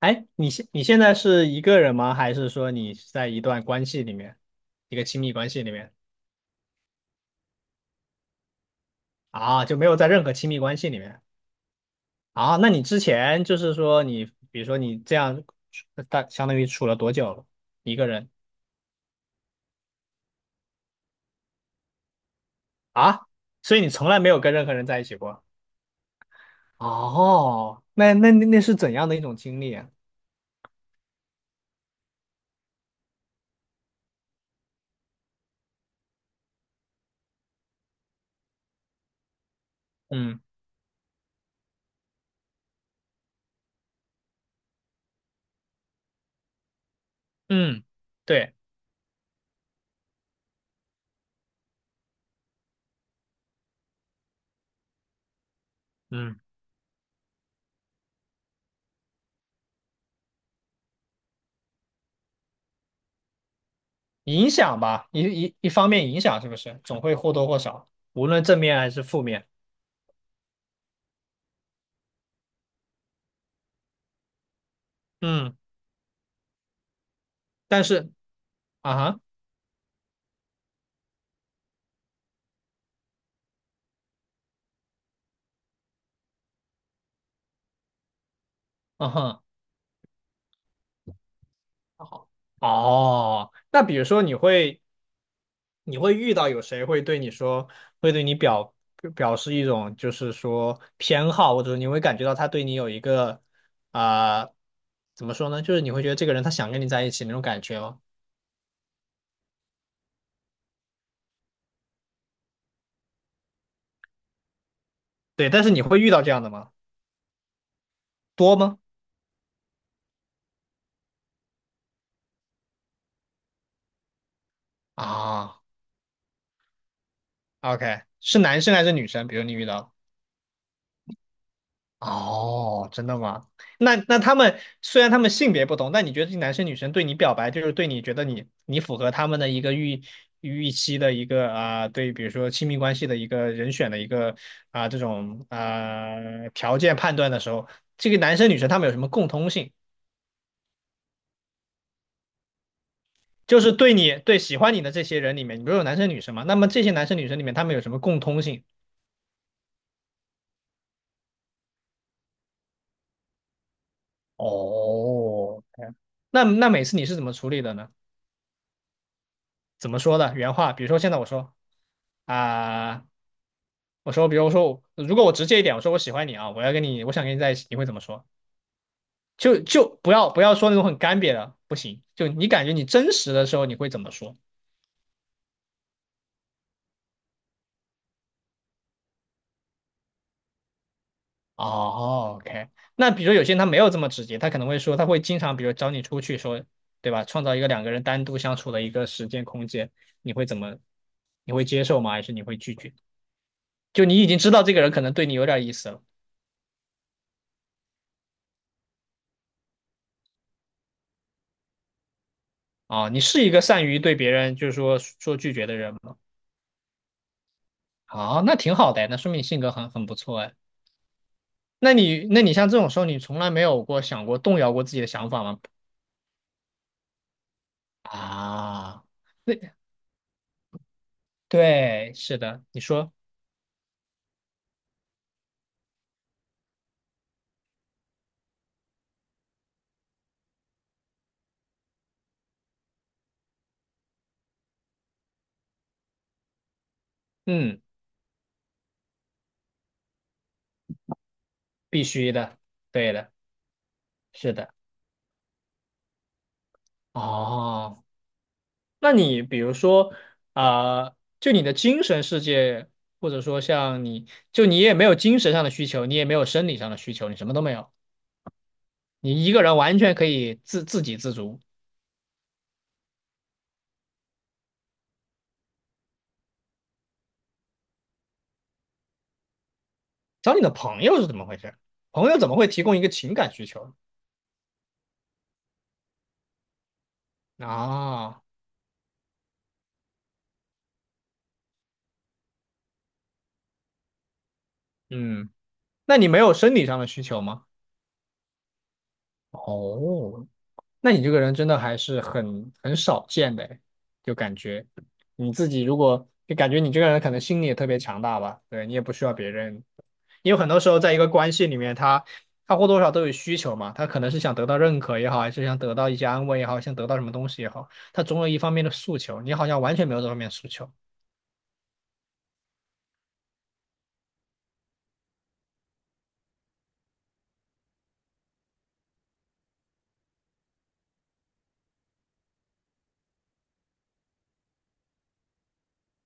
哎，你现在是一个人吗？还是说你是在一段关系里面，一个亲密关系里面啊？就没有在任何亲密关系里面啊？那你之前就是说你，比如说你这样，大相当于处了多久了？一个人啊？所以你从来没有跟任何人在一起过？哦，那是怎样的一种经历啊？嗯嗯，对，嗯，影响吧，一方面影响是不是总会或多或少，无论正面还是负面，嗯，但是。啊哈，嗯哼，还好。哦，那比如说你会你会遇到有谁会对你说，会对你表示一种就是说偏好，或者你会感觉到他对你有一个啊、怎么说呢？就是你会觉得这个人他想跟你在一起那种感觉吗？对，但是你会遇到这样的吗？多吗？啊，OK，是男生还是女生？比如你遇到。哦，真的吗？那那他们虽然他们性别不同，但你觉得这男生女生对你表白，就是对你觉得你你符合他们的一个预期的一个啊、对，比如说亲密关系的一个人选的一个啊、这种啊、条件判断的时候，这个男生女生他们有什么共通性？就是对你对喜欢你的这些人里面，你不是有男生女生吗？那么这些男生女生里面他们有什么共通性？哦，OK，那那每次你是怎么处理的呢？怎么说的？原话，比如说现在我说。啊、我说，比如说如果我直接一点，我说我喜欢你啊，我要跟你，我想跟你在一起，你会怎么说？就就不要说那种很干瘪的，不行。就你感觉你真实的时候，你会怎么说？哦，OK。那比如说有些人他没有这么直接，他可能会说，他会经常比如找你出去说，对吧？创造一个两个人单独相处的一个时间空间，你会怎么？你会接受吗？还是你会拒绝？就你已经知道这个人可能对你有点意思了啊，你是一个善于对别人就是说拒绝的人吗？好，那挺好的哎，那说明你性格很很不错哎。那你，那你像这种时候，你从来没有过想过动摇过自己的想法吗？啊，那对，是的，你说，嗯，必须的，对的，是的。哦，那你比如说，啊、就你的精神世界，或者说像你，就你也没有精神上的需求，你也没有生理上的需求，你什么都没有，你一个人完全可以自自给自足。找你的朋友是怎么回事？朋友怎么会提供一个情感需求？啊，嗯，那你没有生理上的需求吗？哦，那你这个人真的还是很很少见的诶就感觉你自己如果就感觉你这个人可能心理也特别强大吧，对你也不需要别人，因为很多时候在一个关系里面，他或多或少都有需求嘛，他可能是想得到认可也好，还是想得到一些安慰也好，想得到什么东西也好，他总有一方面的诉求，你好像完全没有这方面的诉求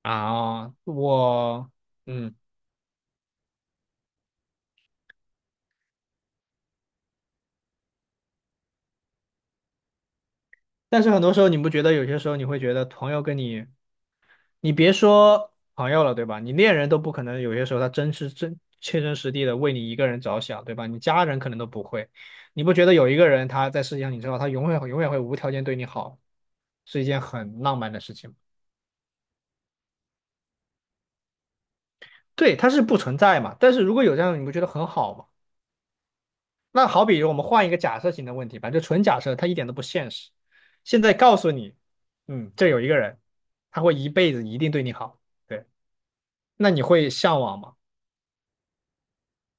啊，我。嗯。但是很多时候，你不觉得有些时候你会觉得朋友跟你，你别说朋友了，对吧？你恋人都不可能，有些时候他真是真切身实地的为你一个人着想，对吧？你家人可能都不会，你不觉得有一个人他在世界上，你知道他永远会无条件对你好，是一件很浪漫的事情吗？对，他是不存在嘛。但是如果有这样你不觉得很好吗？那好比我们换一个假设性的问题吧，就纯假设，它一点都不现实。现在告诉你，嗯，这有一个人，他会一辈子一定对你好。对。那你会向往吗？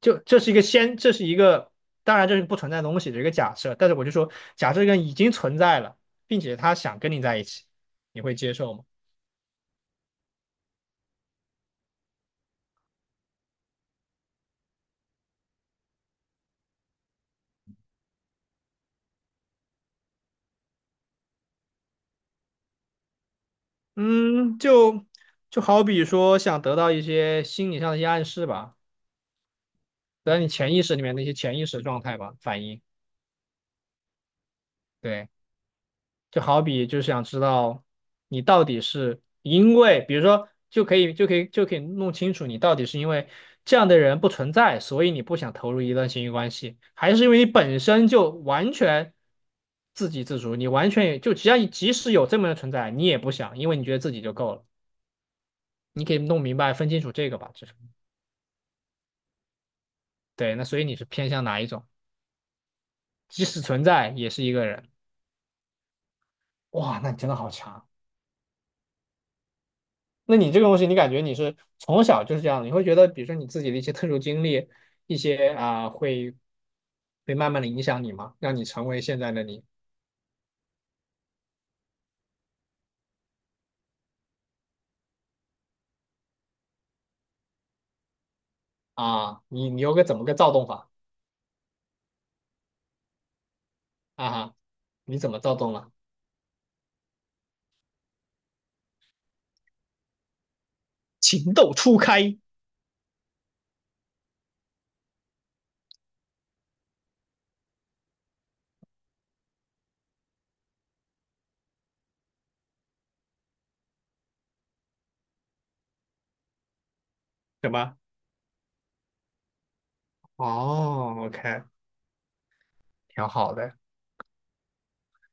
就这是一个先，这是一个，当然这是不存在的东西，的一个假设。但是我就说，假设这个已经存在了，并且他想跟你在一起，你会接受吗？嗯，就就好比说想得到一些心理上的一些暗示吧，得到你潜意识里面的一些潜意识状态吧，反应。对。就好比就是想知道你到底是因为，比如说就可以弄清楚你到底是因为这样的人不存在，所以你不想投入一段亲密关系，还是因为你本身就完全自给自足，你完全也就只要你即使有这么的存在，你也不想，因为你觉得自己就够了。你可以弄明白分清楚这个吧，就是对。那所以你是偏向哪一种？即使存在也是一个人，哇，那你真的好强。那你这个东西，你感觉你是从小就是这样的，你会觉得，比如说你自己的一些特殊经历，一些啊、会会慢慢的影响你吗？让你成为现在的你啊？你你有个怎么个躁动法啊哈？你怎么躁动了？情窦初开，什么？哦，OK，挺好的，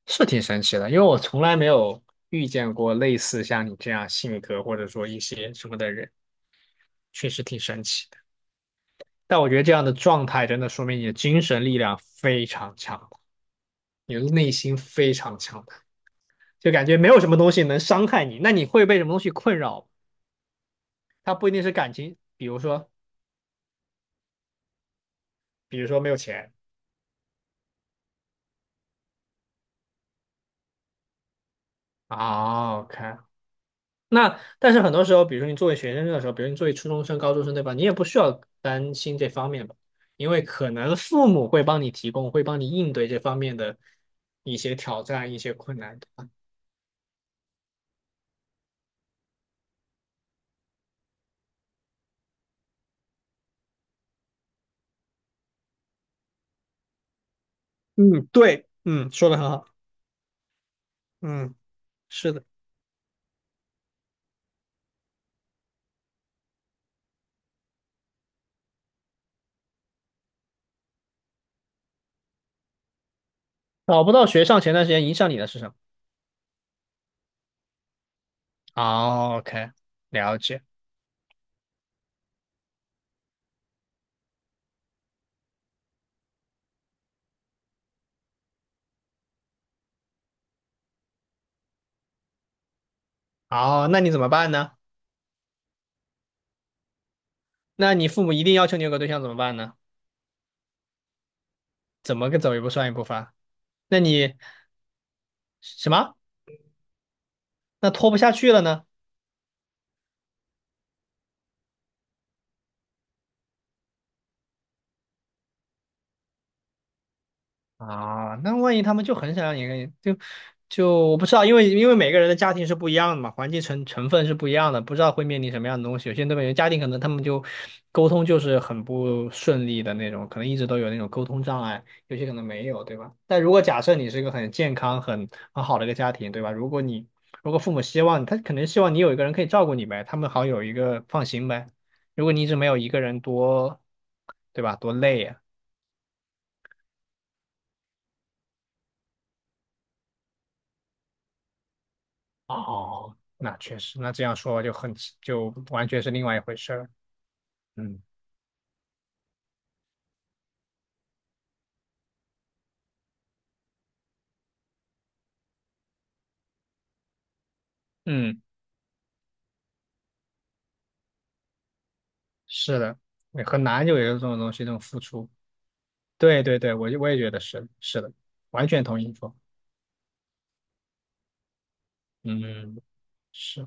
是挺神奇的，因为我从来没有遇见过类似像你这样性格或者说一些什么的人，确实挺神奇的。但我觉得这样的状态真的说明你的精神力量非常强。你的内心非常强大，就感觉没有什么东西能伤害你。那你会被什么东西困扰？它不一定是感情，比如说，比如说没有钱啊。OK，那但是很多时候，比如说你作为学生的时候，比如你作为初中生、高中生，对吧？你也不需要担心这方面吧，因为可能父母会帮你提供，会帮你应对这方面的一些挑战、一些困难，对吧？嗯，对，嗯，说的很好，嗯，是的。找不到学上前段时间影响你的是什么？哦，OK，了解。哦，那你怎么办呢？那你父母一定要求你有个对象怎么办呢？怎么个走一步算一步法？那你什么？那拖不下去了呢？啊，那万一他们就很想让你跟就就我不知道，因为因为每个人的家庭是不一样的嘛，环境成分是不一样的，不知道会面临什么样的东西。有些东北人家庭可能他们就沟通就是很不顺利的那种，可能一直都有那种沟通障碍，有些可能没有，对吧？但如果假设你是一个很健康、很很好的一个家庭，对吧？如果你如果父母希望他可能希望你有一个人可以照顾你呗，他们好有一个放心呗。如果你一直没有一个人多，对吧？多累呀、哦，那确实，那这样说就很就完全是另外一回事儿。嗯嗯，是的，很难就有这种东西，这种付出。对，我就我也觉得是是的，完全同意你说。嗯，是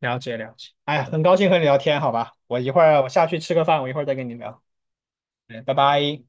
了解了解。哎呀很高兴和你聊天，好吧？我一会儿我下去吃个饭，我一会儿再跟你聊。嗯，拜拜。